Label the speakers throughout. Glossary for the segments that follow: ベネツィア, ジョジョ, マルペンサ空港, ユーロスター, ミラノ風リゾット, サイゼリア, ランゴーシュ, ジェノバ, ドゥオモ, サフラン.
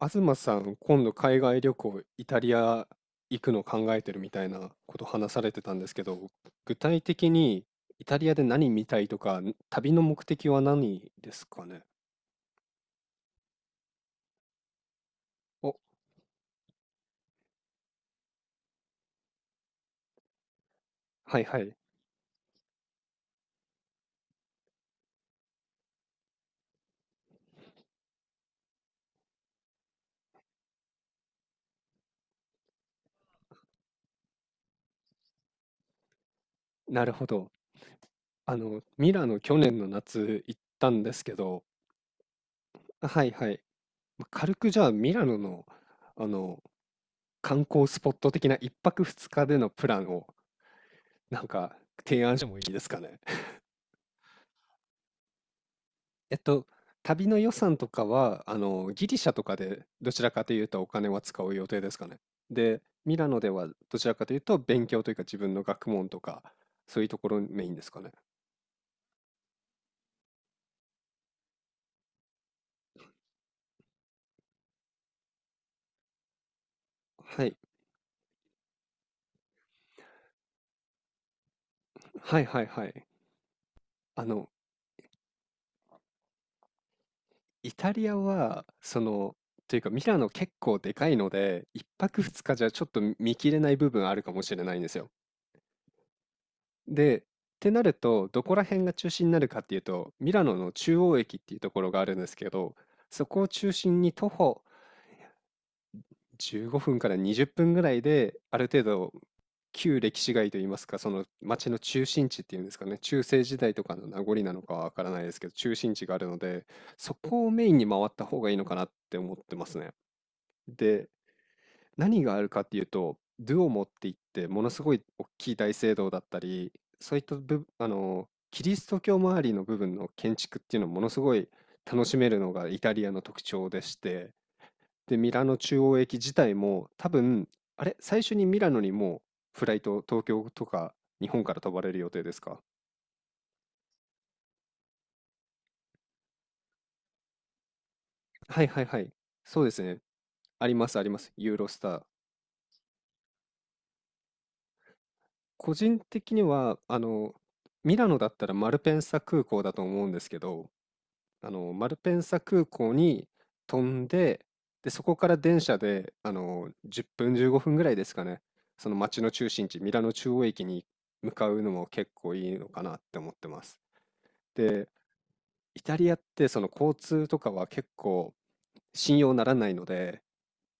Speaker 1: 東さん、今度海外旅行、イタリア行くの考えてるみたいなこと話されてたんですけど、具体的にイタリアで何見たいとか、旅の目的は何ですかね。お、はいはい。なるほど。ミラノ去年の夏行ったんですけど、はいはい。軽くじゃあミラノの、あの、観光スポット的な一泊二日でのプランをなんか提案してもいいですかね。えっと、旅の予算とかは、ギリシャとかでどちらかというとお金は使う予定ですかね。で、ミラノではどちらかというと勉強というか自分の学問とか、そういうところメインですかね。はい。はいはいはい。あの、イタリアは、というかミラノ結構でかいので、一泊二日じゃちょっと見切れない部分あるかもしれないんですよ。で、ってなると、どこら辺が中心になるかっていうと、ミラノの中央駅っていうところがあるんですけど、そこを中心に徒歩15分から20分ぐらいで、ある程度、旧歴史街といいますか、その街の中心地っていうんですかね、中世時代とかの名残なのかはわからないですけど、中心地があるので、そこをメインに回った方がいいのかなって思ってますね。で、何があるかっていうと、ドゥオモっていって、ものすごい大きい大聖堂だったり、そういった部、あの、キリスト教周りの部分の建築っていうのをものすごい楽しめるのがイタリアの特徴でして、で、ミラノ中央駅自体も多分、あれ、最初にミラノにもフライト、東京とか日本から飛ばれる予定ですか。はいはいはい。そうですね。ありますあります。ユーロスター。個人的には、ミラノだったらマルペンサ空港だと思うんですけど、マルペンサ空港に飛んで、で、そこから電車で、10分、15分ぐらいですかね、その街の中心地、ミラノ中央駅に向かうのも結構いいのかなって思ってます。イタリアって、その交通とかは結構信用ならないので、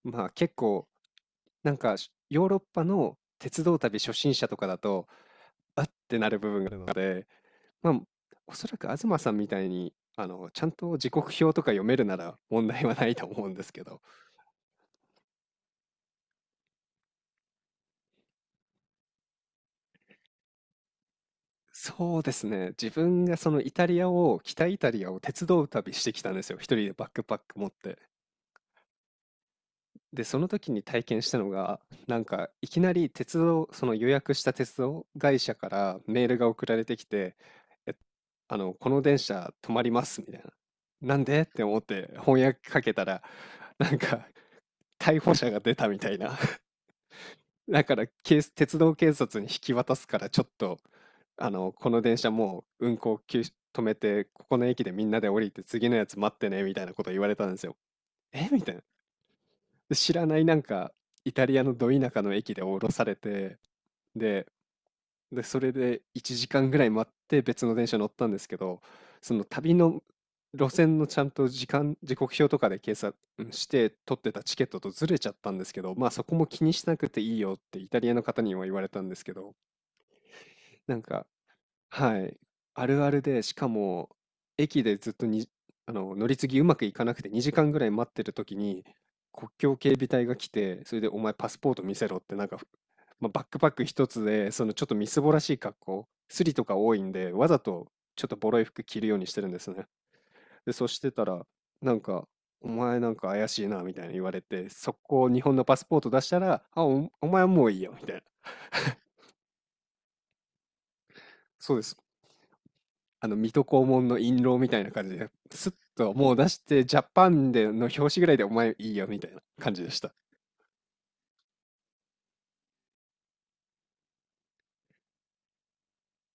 Speaker 1: まあ結構、なんかしヨーロッパの鉄道旅初心者とかだと、あってなる部分があるので、まあ、おそらく東さんみたいに、ちゃんと時刻表とか読めるなら問題はないと思うんですけど、そうですね、自分がそのイタリアを、北イタリアを鉄道旅してきたんですよ、一人でバックパック持って。で、その時に体験したのが、いきなり鉄道、その予約した鉄道会社からメールが送られてきて、え、あの、この電車止まります、みたいな。なんでって思って翻訳かけたら、なんか、逮捕者が出たみたいな。だから、鉄道警察に引き渡すから、ちょっと、この電車もう運行休止止めて、ここの駅でみんなで降りて次のやつ待ってね、みたいなこと言われたんですよ。えみたいな。で知らないなんか、イタリアのど田舎の駅で降ろされて、で、で、それで1時間ぐらい待って別の電車乗ったんですけど、その旅の路線のちゃんと時間、時刻表とかで計算して取ってたチケットとずれちゃったんですけど、まあそこも気にしなくていいよってイタリアの方にも言われたんですけど、なんかはい。あるあるで、しかも、駅でずっとに、あの、乗り継ぎうまくいかなくて2時間ぐらい待ってる時に、国境警備隊が来て、それでお前パスポート見せろって、まあ、バックパック一つで、そのちょっとみすぼらしい格好、スリとか多いんで、わざとちょっとボロい服着るようにしてるんですね。で、そうしてたら、なんか、お前なんか怪しいなみたいに言われて、速攻日本のパスポート出したら、あ、お前はもういいよみたいな。そうです。水戸黄門の印籠みたいな感じで、スッともう出して、ジャパンでの表紙ぐらいでお前いいよみたいな感じでした。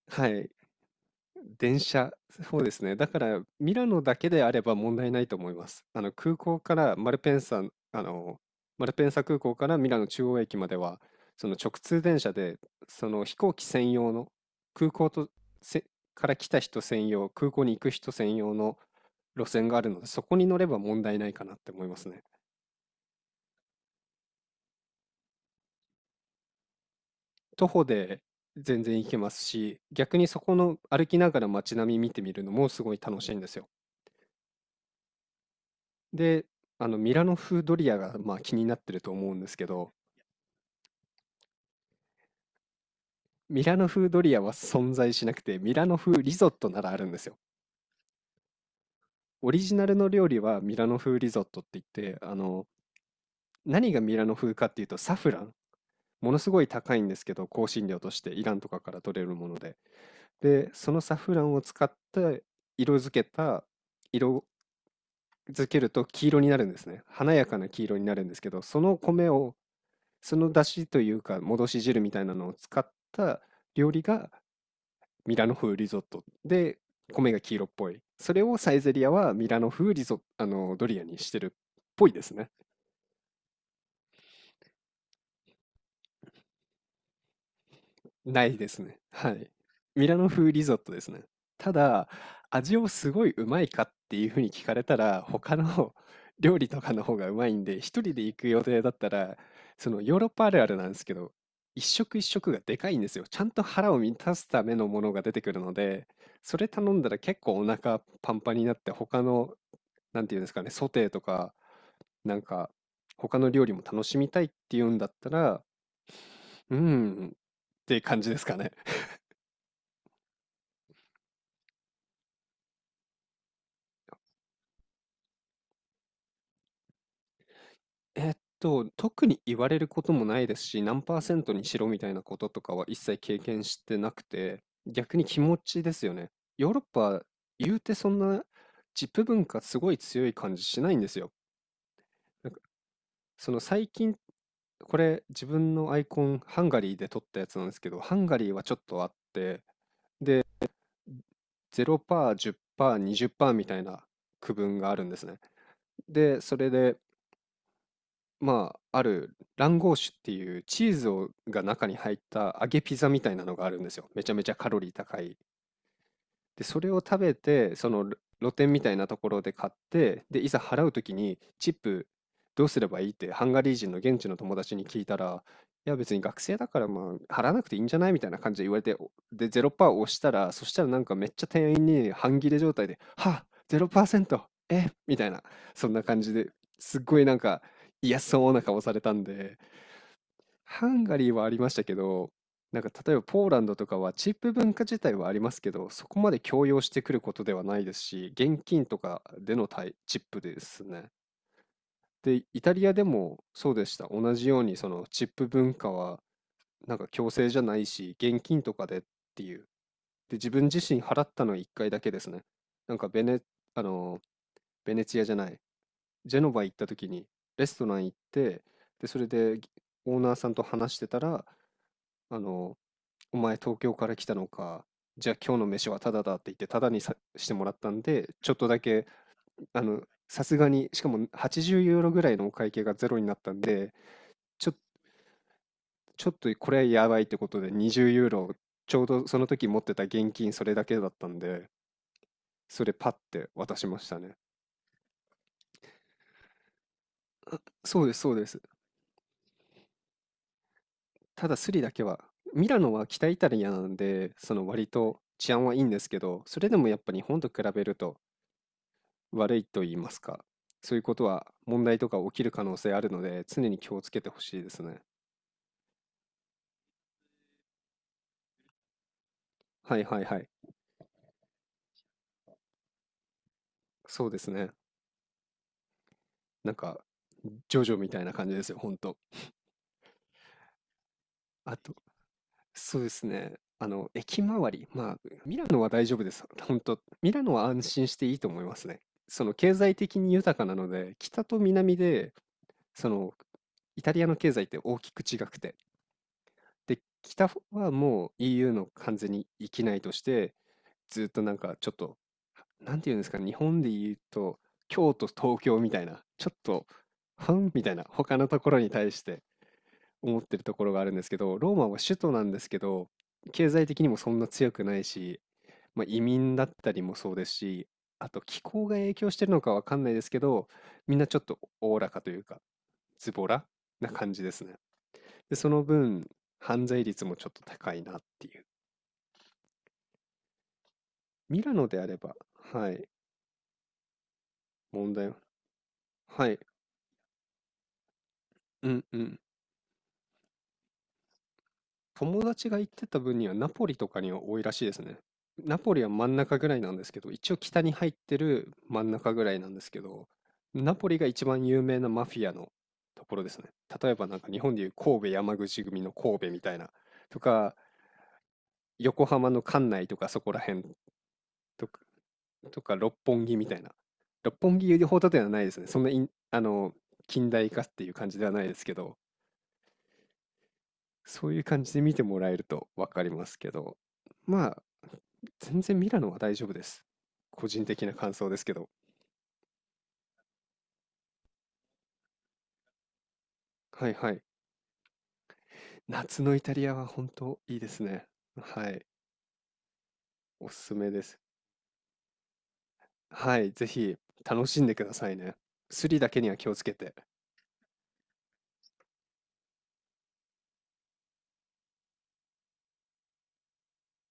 Speaker 1: はい。電車、そうですね。だから、ミラノだけであれば問題ないと思います。あの、空港からマルペンサ、あの、マルペンサ空港からミラノ中央駅までは、その直通電車で、その飛行機専用の、空港とせから来た人専用、空港に行く人専用の路線があるので、そこに乗れば問題ないかなって思いますね。徒歩で全然行けますし、逆にそこの歩きながら街並み見てみるのもすごい楽しいんですよ。で、あのミラノ風ドリアがまあ気になってると思うんですけど、ミラノ風ドリアは存在しなくて、ミラノ風リゾットならあるんですよ。オリジナルの料理はミラノ風リゾットって言って、何がミラノ風かっていうとサフラン。ものすごい高いんですけど、香辛料としてイランとかから取れるもので。で、そのサフランを使って色付けた色漬けると黄色になるんですね。華やかな黄色になるんですけど、その米を、その出汁というか、戻し汁みたいなのを使った料理がミラノ風リゾットで、米が黄色っぽい。それをサイゼリアはミラノ風リゾ、あの、ドリアにしてるっぽいですね。ないですね。はい。ミラノ風リゾットですね。ただ、味をすごいうまいかっていうふうに聞かれたら、他の 料理とかの方がうまいんで、一人で行く予定だったら、そのヨーロッパあるあるなんですけど、一食一食がでかいんですよ。ちゃんと腹を満たすためのものが出てくるので、それ頼んだら結構お腹パンパンになって、他の、なんていうんですかね、ソテーとか、なんか、他の料理も楽しみたいっていうんだったら、うーんって感じですかね。えっ特に言われることもないですし、何パーセントにしろみたいなこととかは一切経験してなくて、逆に気持ちですよね。ヨーロッパ、言うてそんなチップ文化すごい強い感じしないんですよ。なんかその最近、これ自分のアイコン、ハンガリーで撮ったやつなんですけど、ハンガリーはちょっとあって、0%、10%、20%みたいな区分があるんですね。で、それで、まあ、あるランゴーシュっていうチーズを中に入った揚げピザみたいなのがあるんですよ。めちゃめちゃカロリー高い。で、それを食べて、露店みたいなところで買って、で、いざ払うときにチップどうすればいいってハンガリー人の現地の友達に聞いたら、いや別に学生だからまあ払わなくていいんじゃないみたいな感じで言われて、で、0%押したら、そしたらなんかめっちゃ店員に半切れ状態で、はあ、0%、え、みたいな、そんな感じですっごいなんか嫌そうな顔されたんで、ハンガリーはありましたけど、なんか例えばポーランドとかはチップ文化自体はありますけど、そこまで強要してくることではないですし、現金とかでの対チップですね。で、イタリアでもそうでした。同じようにそのチップ文化はなんか強制じゃないし、現金とかでっていう。で、自分自身払ったの1回だけですね。なんかベネ、あの、ベネツィアじゃない、ジェノバ行った時にレストラン行って、で、それでオーナーさんと話してたら、あの、お前東京から来たのか、じゃあ今日の飯はタダだって言ってタダにさしてもらったんで、ちょっとだけ、あの、さすがに、しかも80ユーロぐらいのお会計がゼロになったんで、ちょ、ちょっとこれはやばいってことで20ユーロ、ちょうどその時持ってた現金それだけだったんで、それパッて渡しましたね。そうです、そうです。ただスリだけは、ミラノは北イタリアなんで、その割と治安はいいんですけど、それでもやっぱ日本と比べると悪いと言いますか、そういうことは問題とか起きる可能性あるので、常に気をつけてほしいですね。はいはいはい。そうですね。なんか、ジョジョみたいな感じですよ、ほんと。あと、そうですね。駅周り。まあ、ミラノは大丈夫です。ほんと、ミラノは安心していいと思いますね。その、経済的に豊かなので、北と南で、その、イタリアの経済って大きく違くて。で、北はもう EU の完全に域内として、ずっとなんかちょっとなんていうんですかね、日本で言うと、京都、東京みたいな、ちょっと、ふんみたいな、他のところに対して思ってるところがあるんですけど、ローマは首都なんですけど、経済的にもそんな強くないし、まあ、移民だったりもそうですし、あと気候が影響してるのかわかんないですけど、みんなちょっとおおらかというか、ズボラな感じですね。で、その分、犯罪率もちょっと高いなっていう。ミラノであれば、はい、問題は、はい、うんうん、友達が行ってた分にはナポリとかには多いらしいですね。ナポリは真ん中ぐらいなんですけど、一応北に入ってる真ん中ぐらいなんですけど、ナポリが一番有名なマフィアのところですね。例えばなんか日本でいう神戸山口組の神戸みたいな、とか横浜の関内とかそこら辺とか、とか六本木みたいな。六本木ほどではないですね。そんなイン近代化っていう感じではないですけど、そういう感じで見てもらえると分かりますけど、まあ、全然ミラノは大丈夫です。個人的な感想ですけど。はいはい。夏のイタリアは本当いいですね。はい。おすすめです。はい。ぜひ楽しんでくださいね。スリだけには気をつけて。